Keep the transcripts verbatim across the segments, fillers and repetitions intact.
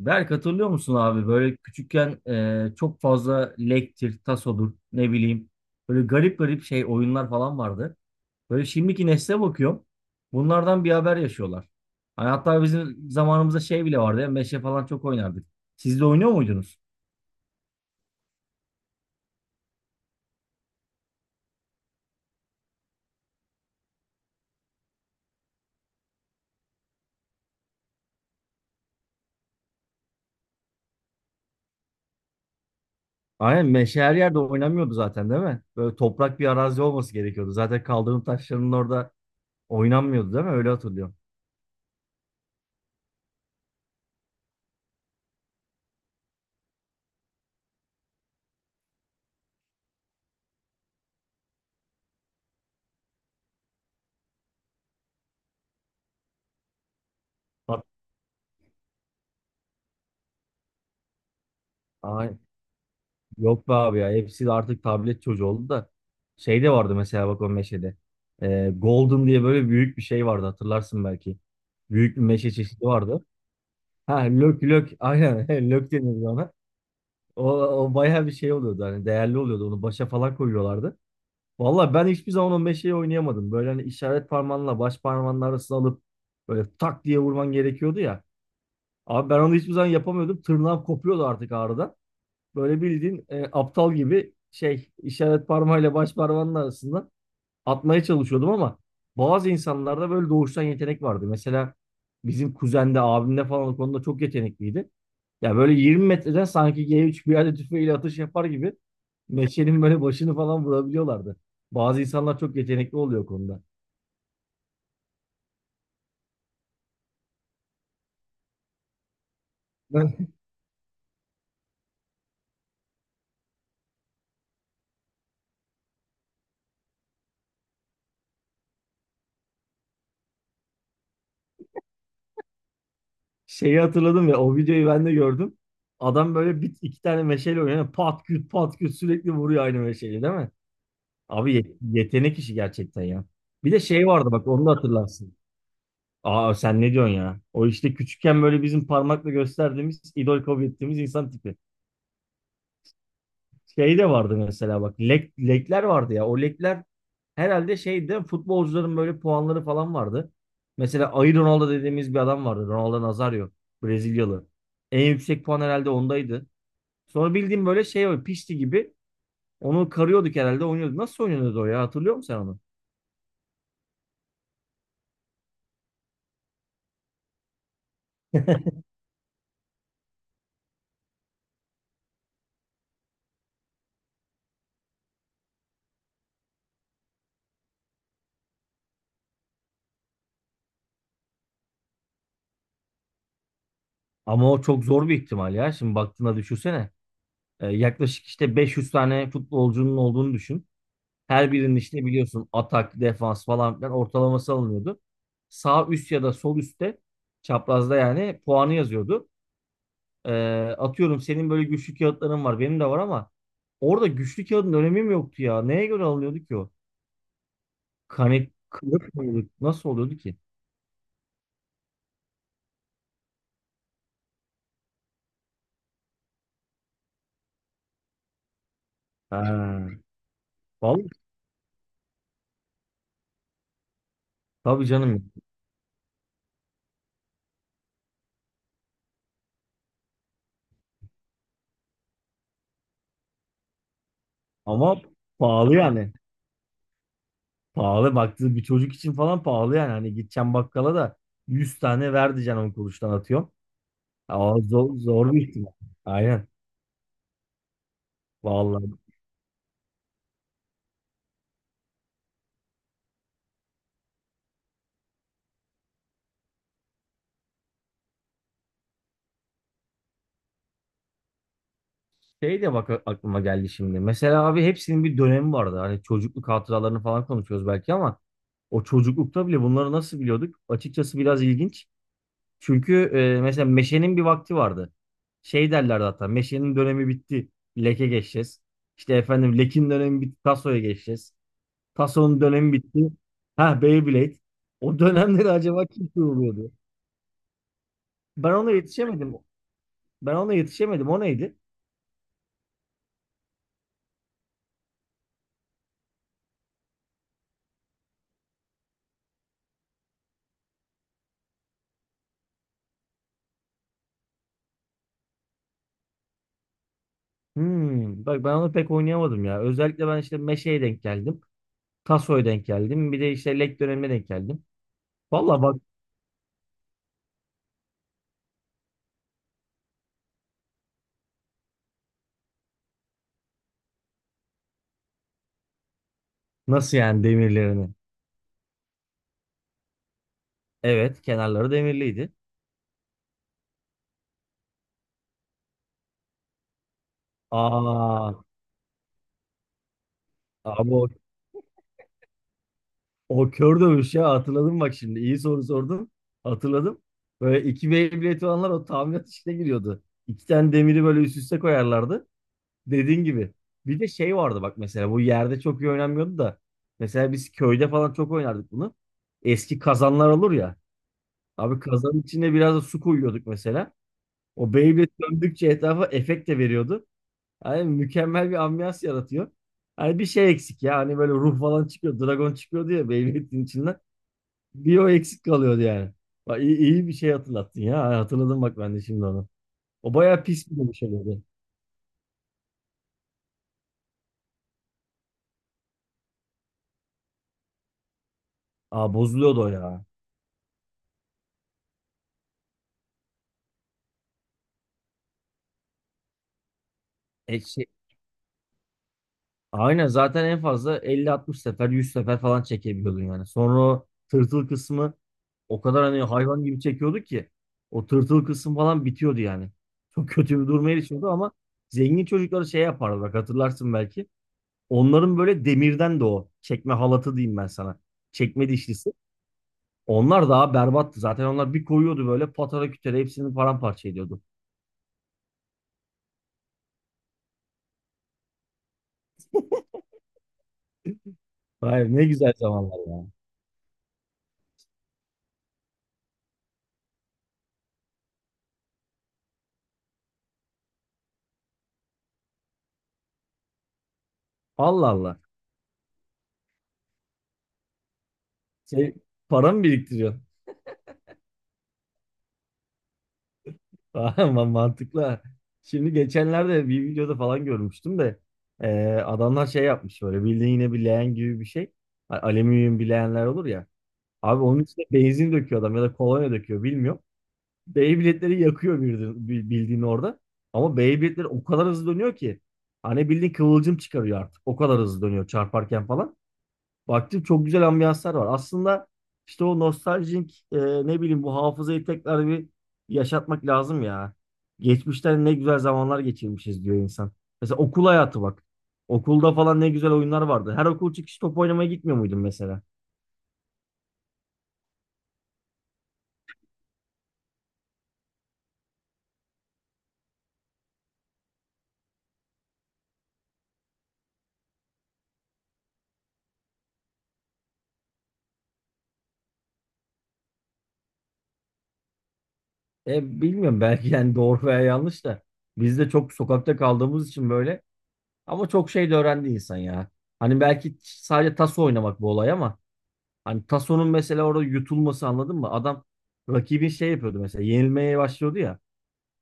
Berk hatırlıyor musun abi böyle küçükken e, çok fazla lektir, tasodur ne bileyim böyle garip garip şey oyunlar falan vardı. Böyle şimdiki nesle bakıyorum bunlardan bir haber yaşıyorlar. Hani hatta bizim zamanımızda şey bile vardı ya meşe falan çok oynardık. Siz de oynuyor muydunuz? Aynen meşe her yerde oynamıyordu zaten değil mi? Böyle toprak bir arazi olması gerekiyordu. Zaten kaldırım taşlarının orada oynanmıyordu değil mi? Öyle hatırlıyorum. Hat- Ay- Yok be abi ya. Hepsi de artık tablet çocuğu oldu da. Şey de vardı mesela bak o meşede. Ee, Golden diye böyle büyük bir şey vardı hatırlarsın belki. Büyük bir meşe çeşidi vardı. Ha lök lök aynen lök deniyordu ona. O, o bayağı bir şey oluyordu hani değerli oluyordu onu başa falan koyuyorlardı. Vallahi ben hiçbir zaman o meşeyi oynayamadım. Böyle hani işaret parmağınla baş parmağının arasına alıp böyle tak diye vurman gerekiyordu ya. Abi ben onu hiçbir zaman yapamıyordum. Tırnağım kopuyordu artık ağrıdan. Böyle bildiğin e, aptal gibi şey işaret parmağıyla baş parmağının arasında atmaya çalışıyordum ama bazı insanlarda böyle doğuştan yetenek vardı. Mesela bizim kuzende, abimde falan o konuda çok yetenekliydi. Ya böyle yirmi metreden sanki G üç bir yerde tüfeğiyle atış yapar gibi meşenin böyle başını falan vurabiliyorlardı. Bazı insanlar çok yetenekli oluyor o konuda. Ben şeyi hatırladım ya o videoyu ben de gördüm. Adam böyle bir iki tane meşale oynuyor. Pat küt pat küt sürekli vuruyor aynı meşaleyi değil mi? Abi ye- yetenek işi gerçekten ya. Bir de şey vardı bak onu da hatırlarsın. Aa sen ne diyorsun ya? O işte küçükken böyle bizim parmakla gösterdiğimiz, idol kabul ettiğimiz insan tipi. Şey de vardı mesela bak. Lek, lekler vardı ya. O lekler herhalde şeydi futbolcuların böyle puanları falan vardı. Mesela Ayı Ronaldo dediğimiz bir adam vardı. Ronaldo Nazario. Brezilyalı. En yüksek puan herhalde ondaydı. Sonra bildiğim böyle şey var. Pişti gibi. Onu karıyorduk herhalde oynuyorduk. Nasıl oynuyordu o ya? Hatırlıyor musun sen onu? Ama o çok zor bir ihtimal ya. Şimdi baktığında düşünsene. Ee, yaklaşık işte beş yüz tane futbolcunun olduğunu düşün. Her birinin işte biliyorsun atak, defans falan filan ortalaması alınıyordu. Sağ üst ya da sol üstte çaprazda yani puanı yazıyordu. Ee, atıyorum senin böyle güçlü kağıtların var. Benim de var ama orada güçlü kağıdın önemi mi yoktu ya? Neye göre alınıyordu ki o? Kanet kılıf mı oluyordu? Nasıl oluyordu ki? Ha, vallahi tabii canım. Ama pahalı yani. Pahalı baktığı bir çocuk için falan pahalı yani. Hani gideceğim bakkala da yüz tane ver diyeceksin on kuruştan atıyorum. Aa, zor, zor bir ihtimal. Aynen. Vallahi. Şey de bak aklıma geldi şimdi. Mesela abi hepsinin bir dönemi vardı. Hani çocukluk hatıralarını falan konuşuyoruz belki ama o çocuklukta bile bunları nasıl biliyorduk? Açıkçası biraz ilginç. Çünkü e, mesela meşenin bir vakti vardı. Şey derlerdi hatta meşenin dönemi bitti. Leke geçeceğiz. İşte efendim lekin dönemi bitti. Tasoya geçeceğiz. Taso'nun dönemi bitti. Ha Beyblade. O dönemleri acaba kim kuruluyordu? Ben ona yetişemedim. Ben ona yetişemedim. O neydi? Hmm, bak ben onu pek oynayamadım ya. Özellikle ben işte Meşe'ye denk geldim. Taso'ya denk geldim. Bir de işte Lek dönemine denk geldim. Valla bak nasıl yani demirlerini. Evet kenarları demirliydi. Aa, abi o, o kör dövüş ya hatırladım bak şimdi. İyi soru sordun. Hatırladım. Böyle iki Beyblade olanlar o tamirat işine giriyordu. İki tane demiri böyle üst üste koyarlardı. Dediğin gibi. Bir de şey vardı bak mesela bu yerde çok iyi oynanmıyordu da. Mesela biz köyde falan çok oynardık bunu. Eski kazanlar olur ya. Abi kazanın içine biraz da su koyuyorduk mesela. O Beyblade döndükçe etrafa efekt de veriyordu. Hani mükemmel bir ambiyans yaratıyor. Hani bir şey eksik ya. Hani böyle ruh falan çıkıyor. Dragon çıkıyordu ya Beyblade'in içinden. Bir o eksik kalıyordu yani. Bak iyi, iyi bir şey hatırlattın ya. Hatırladım bak ben de şimdi onu. O bayağı pis bir şey oluyordu. Aa bozuluyordu o ya. E, şey. Aynen zaten en fazla elli, altmış sefer yüz sefer falan çekebiliyordun yani. Sonra o tırtıl kısmı o kadar hani hayvan gibi çekiyordu ki o tırtıl kısım falan bitiyordu yani. Çok kötü bir duruma erişiyordu ama zengin çocukları şey yapardı bak hatırlarsın belki. Onların böyle demirden de o çekme halatı diyeyim ben sana. Çekme dişlisi. Onlar daha berbattı. Zaten onlar bir koyuyordu böyle patara kütere hepsini paramparça ediyordu. Hayır ne güzel zamanlar ya. Allah Allah. Şey, para mı biriktiriyorsun? Ama mantıklı. Ha. Şimdi geçenlerde bir videoda falan görmüştüm de e, adamlar şey yapmış böyle bildiğin yine bir leğen gibi bir şey. A- Alüminyum bir leğenler olur ya. Abi onun içine benzin döküyor adam ya da kolonya döküyor bilmiyorum. Beyblade'leri yakıyor bildiğin, bi- bildiğin orada. Ama Beyblade'ler o kadar hızlı dönüyor ki. Hani bildiğin kıvılcım çıkarıyor artık. O kadar hızlı dönüyor çarparken falan. Baktım çok güzel ambiyanslar var. Aslında işte o nostaljik e, ne bileyim bu hafızayı tekrar bir yaşatmak lazım ya. Geçmişten ne güzel zamanlar geçirmişiz diyor insan. Mesela okul hayatı bak. Okulda falan ne güzel oyunlar vardı. Her okul çıkışı top oynamaya gitmiyor muydun mesela? E, bilmiyorum belki yani doğru veya yanlış da. Biz de çok sokakta kaldığımız için böyle. Ama çok şey de öğrendi insan ya. Hani belki sadece tas oynamak bu olay ama. Hani Tasso'nun mesela orada yutulması anladın mı? Adam rakibin şey yapıyordu mesela yenilmeye başlıyordu ya.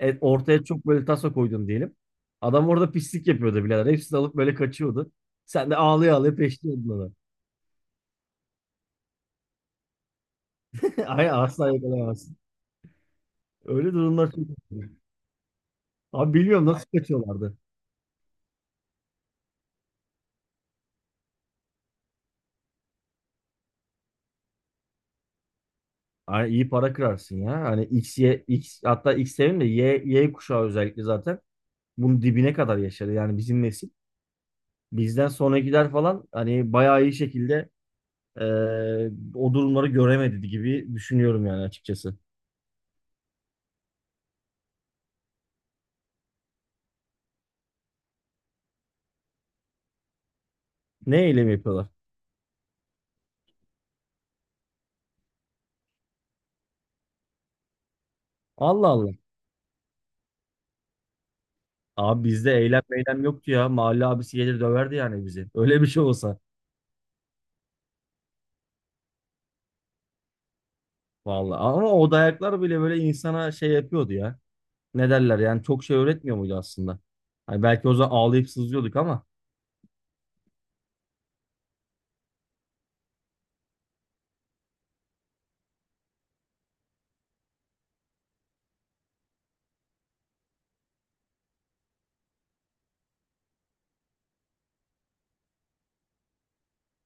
E, ortaya çok böyle Tasso koydun diyelim. Adam orada pislik yapıyordu birader. Hepsini alıp böyle kaçıyordu. Sen de ağlaya ağlaya peşliyordun onu. Ay asla yakalayamazsın. Öyle durumlar çok oluyor. Abi bilmiyorum nasıl kaçıyorlardı. Ay, iyi para kırarsın ya. Hani X, Y, X hatta X demeyeyim de Y, Y kuşağı özellikle zaten bunun dibine kadar yaşadı. Yani bizim nesil. Bizden sonrakiler falan hani bayağı iyi şekilde Ee, o durumları göremedi gibi düşünüyorum yani açıkçası. Ne eylem yapıyorlar? Allah Allah. Abi bizde eylem meylem yoktu ya. Mahalle abisi gelir döverdi yani bizi. Öyle bir şey olsa. Vallahi ama o dayaklar bile böyle insana şey yapıyordu ya. Ne derler yani çok şey öğretmiyor muydu aslında? Hani belki o zaman ağlayıp sızlıyorduk ama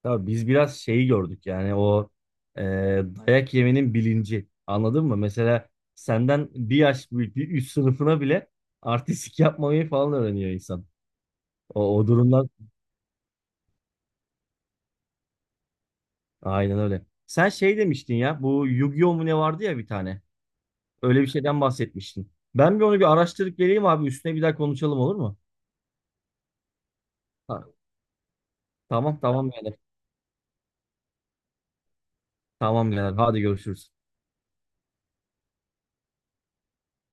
tabii biz biraz şeyi gördük yani o e, dayak yemenin bilinci. Anladın mı? Mesela senden bir yaş büyük bir üst sınıfına bile artistik yapmayı falan öğreniyor insan. O, o durumdan aynen öyle. Sen şey demiştin ya bu Yu-Gi-Oh mu ne vardı ya bir tane. Öyle bir şeyden bahsetmiştin. Ben bir onu bir araştırıp geleyim abi üstüne bir daha konuşalım olur mu? Ha, tamam tamam yani. Tamam yani. Hadi görüşürüz.